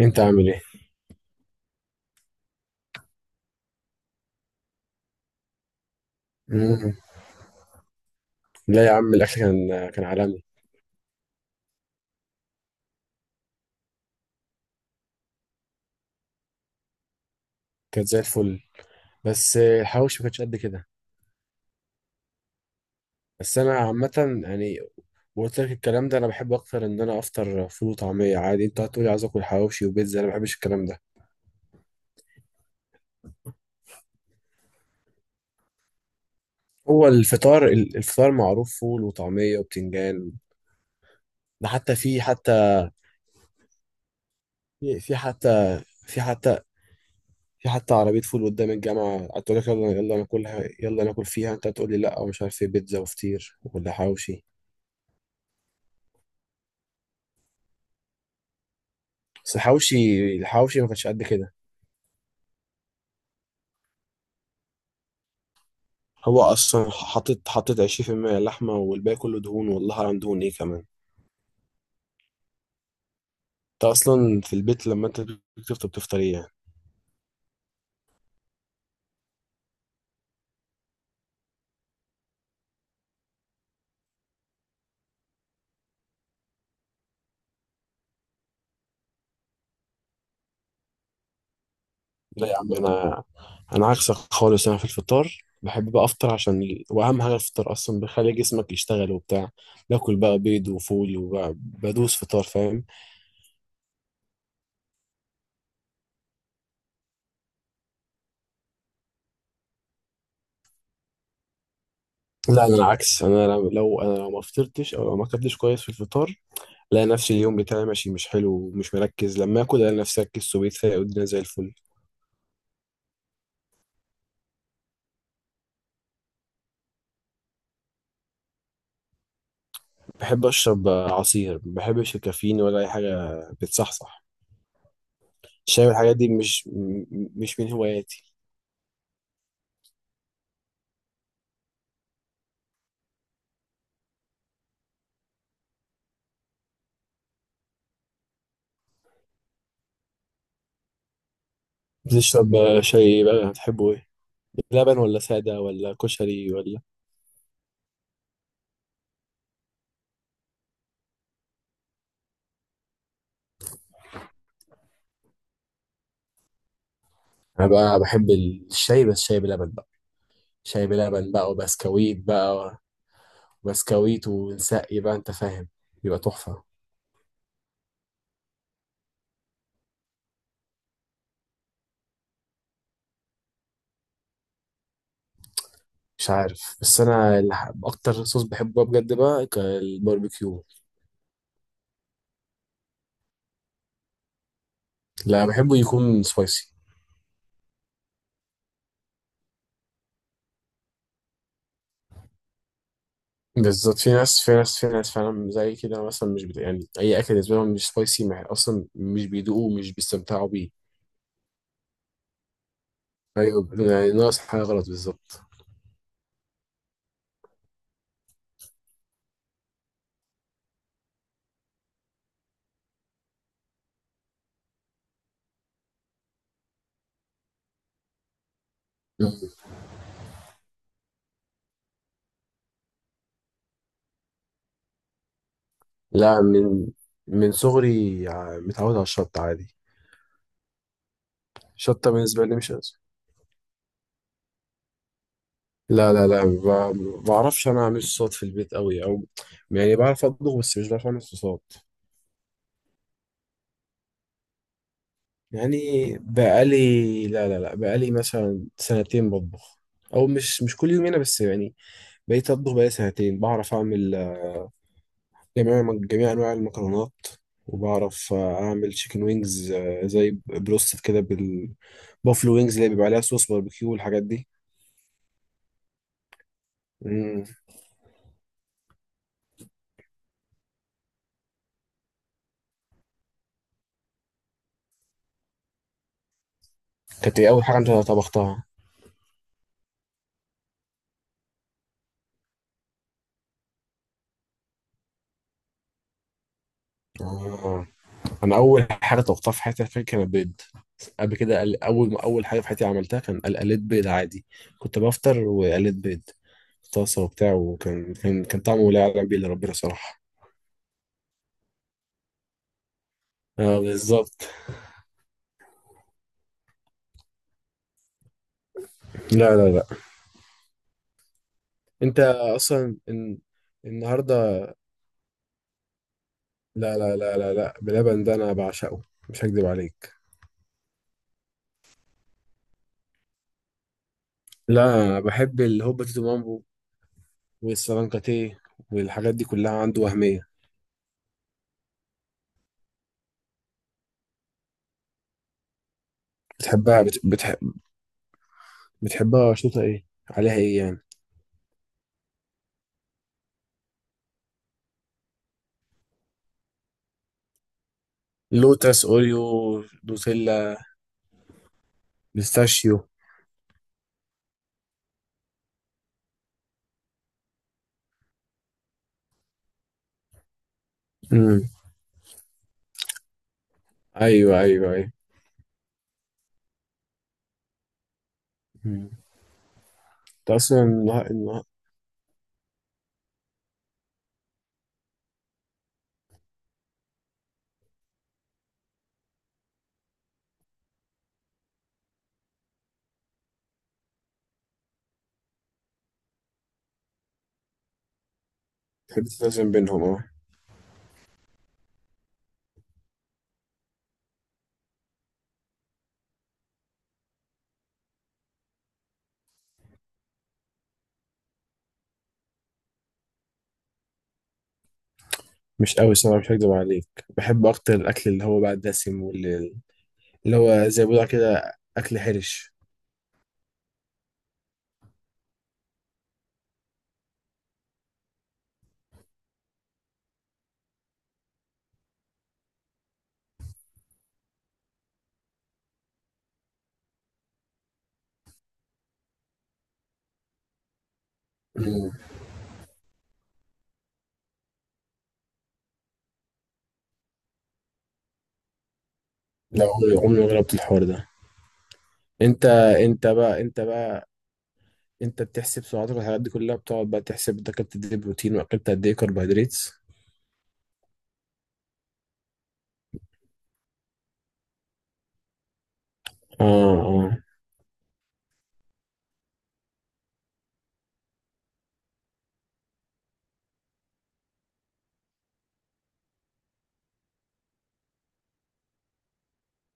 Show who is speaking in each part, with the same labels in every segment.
Speaker 1: انت عامل ايه؟ مم. لا يا عم، الاكل كان عالمي. كانت زي الفل. بس الحواوشي ما كانتش قد كده. بس انا عامه يعني. وقلت لك الكلام ده، انا بحب اكتر ان انا افطر فول وطعميه عادي. انت هتقولي عايز اكل حواوشي وبيتزا، انا ما بحبش الكلام ده. هو الفطار الفطار معروف، فول وطعميه وبتنجان. ده حتى في حتى في في حتى في حتى في حتى عربيه فول قدام الجامعه، هتقول لك يلا يلا ناكلها يلا ناكل فيها. انت هتقول لي لا ومش عارف ايه، بيتزا وفطير ولا حواوشي. بس الحواوشي ما كانش قد كده. هو اصلا حطيت 20% لحمه، والباقي كله دهون، والله اعلم دهون ايه كمان. انت اصلا في البيت، لما انت بتفطر ايه يعني؟ لا يا عم، انا عكسك خالص. انا في الفطار بحب بقى افطر، عشان واهم حاجه الفطار اصلا بيخلي جسمك يشتغل وبتاع. باكل بقى بيض وفول وبدوس فطار، فاهم؟ لا، انا العكس، انا لو ما فطرتش او لو ما اكلتش كويس في الفطار، الاقي نفسي اليوم بتاعي ماشي مش حلو ومش مركز. لما اكل الاقي نفسي ركزت وبقيت فايق والدنيا زي الفل. بحب اشرب عصير، ما بحبش الكافيين ولا اي حاجه. بتصحصح. الشاي والحاجات دي مش من هواياتي. بتشرب شاي إيه بقى؟ بتحبه ايه، لبن ولا ساده ولا كشري ولا؟ انا بقى بحب الشاي، بس شاي بلبن بقى. شاي بلبن بقى وبسكويت بقى. بسكويت ونسقي بقى، انت فاهم؟ بيبقى تحفه. مش عارف. بس انا اكتر صوص بحبه بجد بقى الباربيكيو. لا، بحبه يكون سبايسي. بالظبط، في ناس فعلا زي كده. مثلا مش بت... يعني اي اكل بالنسبه لهم مش سبايسي. اصلا مش بيدوقوه ومش بيستمتعوا بيه. ايوه يعني ناقص حاجه غلط بالظبط. مم. لا، من صغري متعود على الشطه عادي. الشطه بالنسبه لي مش أزل. لا، لا، لا، ما بعرفش انا اعمل صوصات في البيت قوي او... يعني بعرف اطبخ بس مش بعرف اعمل صوصات. يعني بقالي، لا، لا، لا، بقالي مثلا سنتين بطبخ. او مش كل يوم هنا بس يعني. بقيت أطبخ بقى سنتين، بعرف أعمل جميع أنواع المكرونات. وبعرف أعمل تشيكن وينجز زي بروستد كده بالبوفلو، وينجز اللي بيبقى عليها صوص باربيكيو والحاجات دي. مم. كانت إيه أول حاجة أنت طبختها؟ آه. أنا أول حاجة طبختها في حياتي فاكر كانت بيض. قبل كده أول ما أول حاجة في حياتي عملتها كان قليت بيض عادي. كنت بفطر وقليت بيض في طاسة وبتاع، وكان كان كان طعمه لا يعلم بيه إلا ربنا صراحة. اه، بالظبط. لا، لا، لا، انت اصلا النهارده... لا، لا، لا، لا، لا، بلبن ده انا بعشقه، مش هكدب عليك. لا، أنا بحب الهوبا تيتو مامبو والسلانكاتيه والحاجات دي كلها عنده وهميه. بتحبها بت... بتحب... بتحبها شطه ايه عليها ايه يعني؟ لوتس، اوريو، دوسيلا، بيستاشيو. امم ايوه، ايوه، ايوه. مم. انت اصلا بتحب تتوازن بينهم، اه. مش قوي صراحه، مش هكدب عليك. بحب اكتر الاكل اللي هو بقى الدسم، واللي هو زي ما بيقولوا كده اكل حرش. مم. لا، عمري عمري ما جربت الحوار ده. انت انت بقى انت بقى انت بتحسب سعراتك والحاجات دي كلها، بتقعد بقى تحسب انت اكلت قد ايه بروتين واكلت قد ايه كربوهيدرات. اه، اه.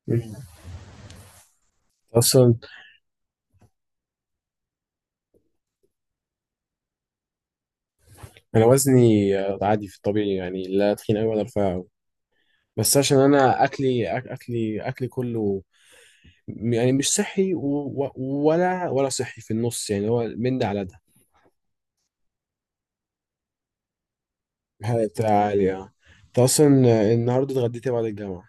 Speaker 1: مم. اصلا انا وزني عادي في الطبيعي يعني، لا تخين قوي ولا رفيع قوي. بس عشان انا اكلي كله يعني مش صحي و- ولا صحي في النص يعني، هو من ده على ده. حالة عالية. انت اصلا النهارده اتغديت إيه بعد الجامعة؟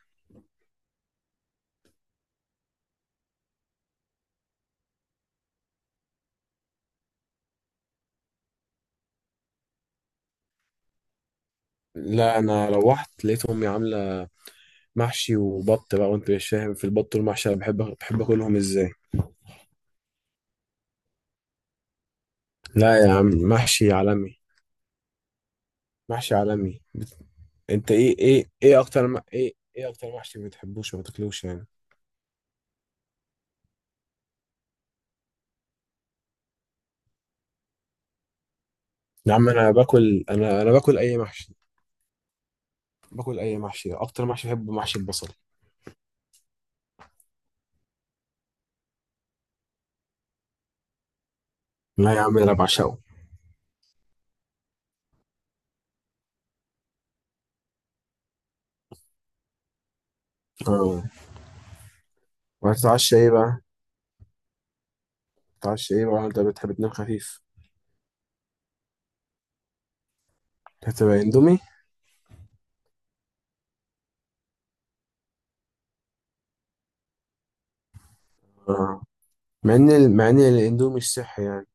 Speaker 1: لا، انا روحت لقيت امي عامله محشي وبط بقى، وانت مش فاهم في البط والمحشي، انا بحب اكلهم ازاي. لا يا عم، محشي عالمي، محشي عالمي، انت ايه اكتر محشي ما بتحبوش وما تاكلوش يعني؟ يا عم انا باكل اي محشي. باكل اي محشي، اكتر محشي بحبه محشي البصل. لا يا عم انا بعشقه. اه. وهتتعشى ايه بقى؟ بتتعشى ايه بقى؟ انت بتحب تنام خفيف؟ هتبقى اندومي. اه، مع ان الاندومي مش صحي يعني.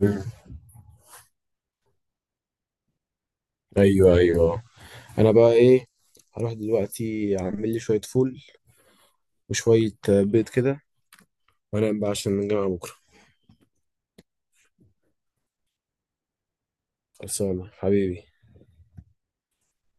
Speaker 1: مم. ايوه، ايوه. انا بقى ايه، هروح دلوقتي اعمل لي شويه فول وشويه بيض كده، وانام بقى عشان نرجع بكره. خلصانه حبيبي.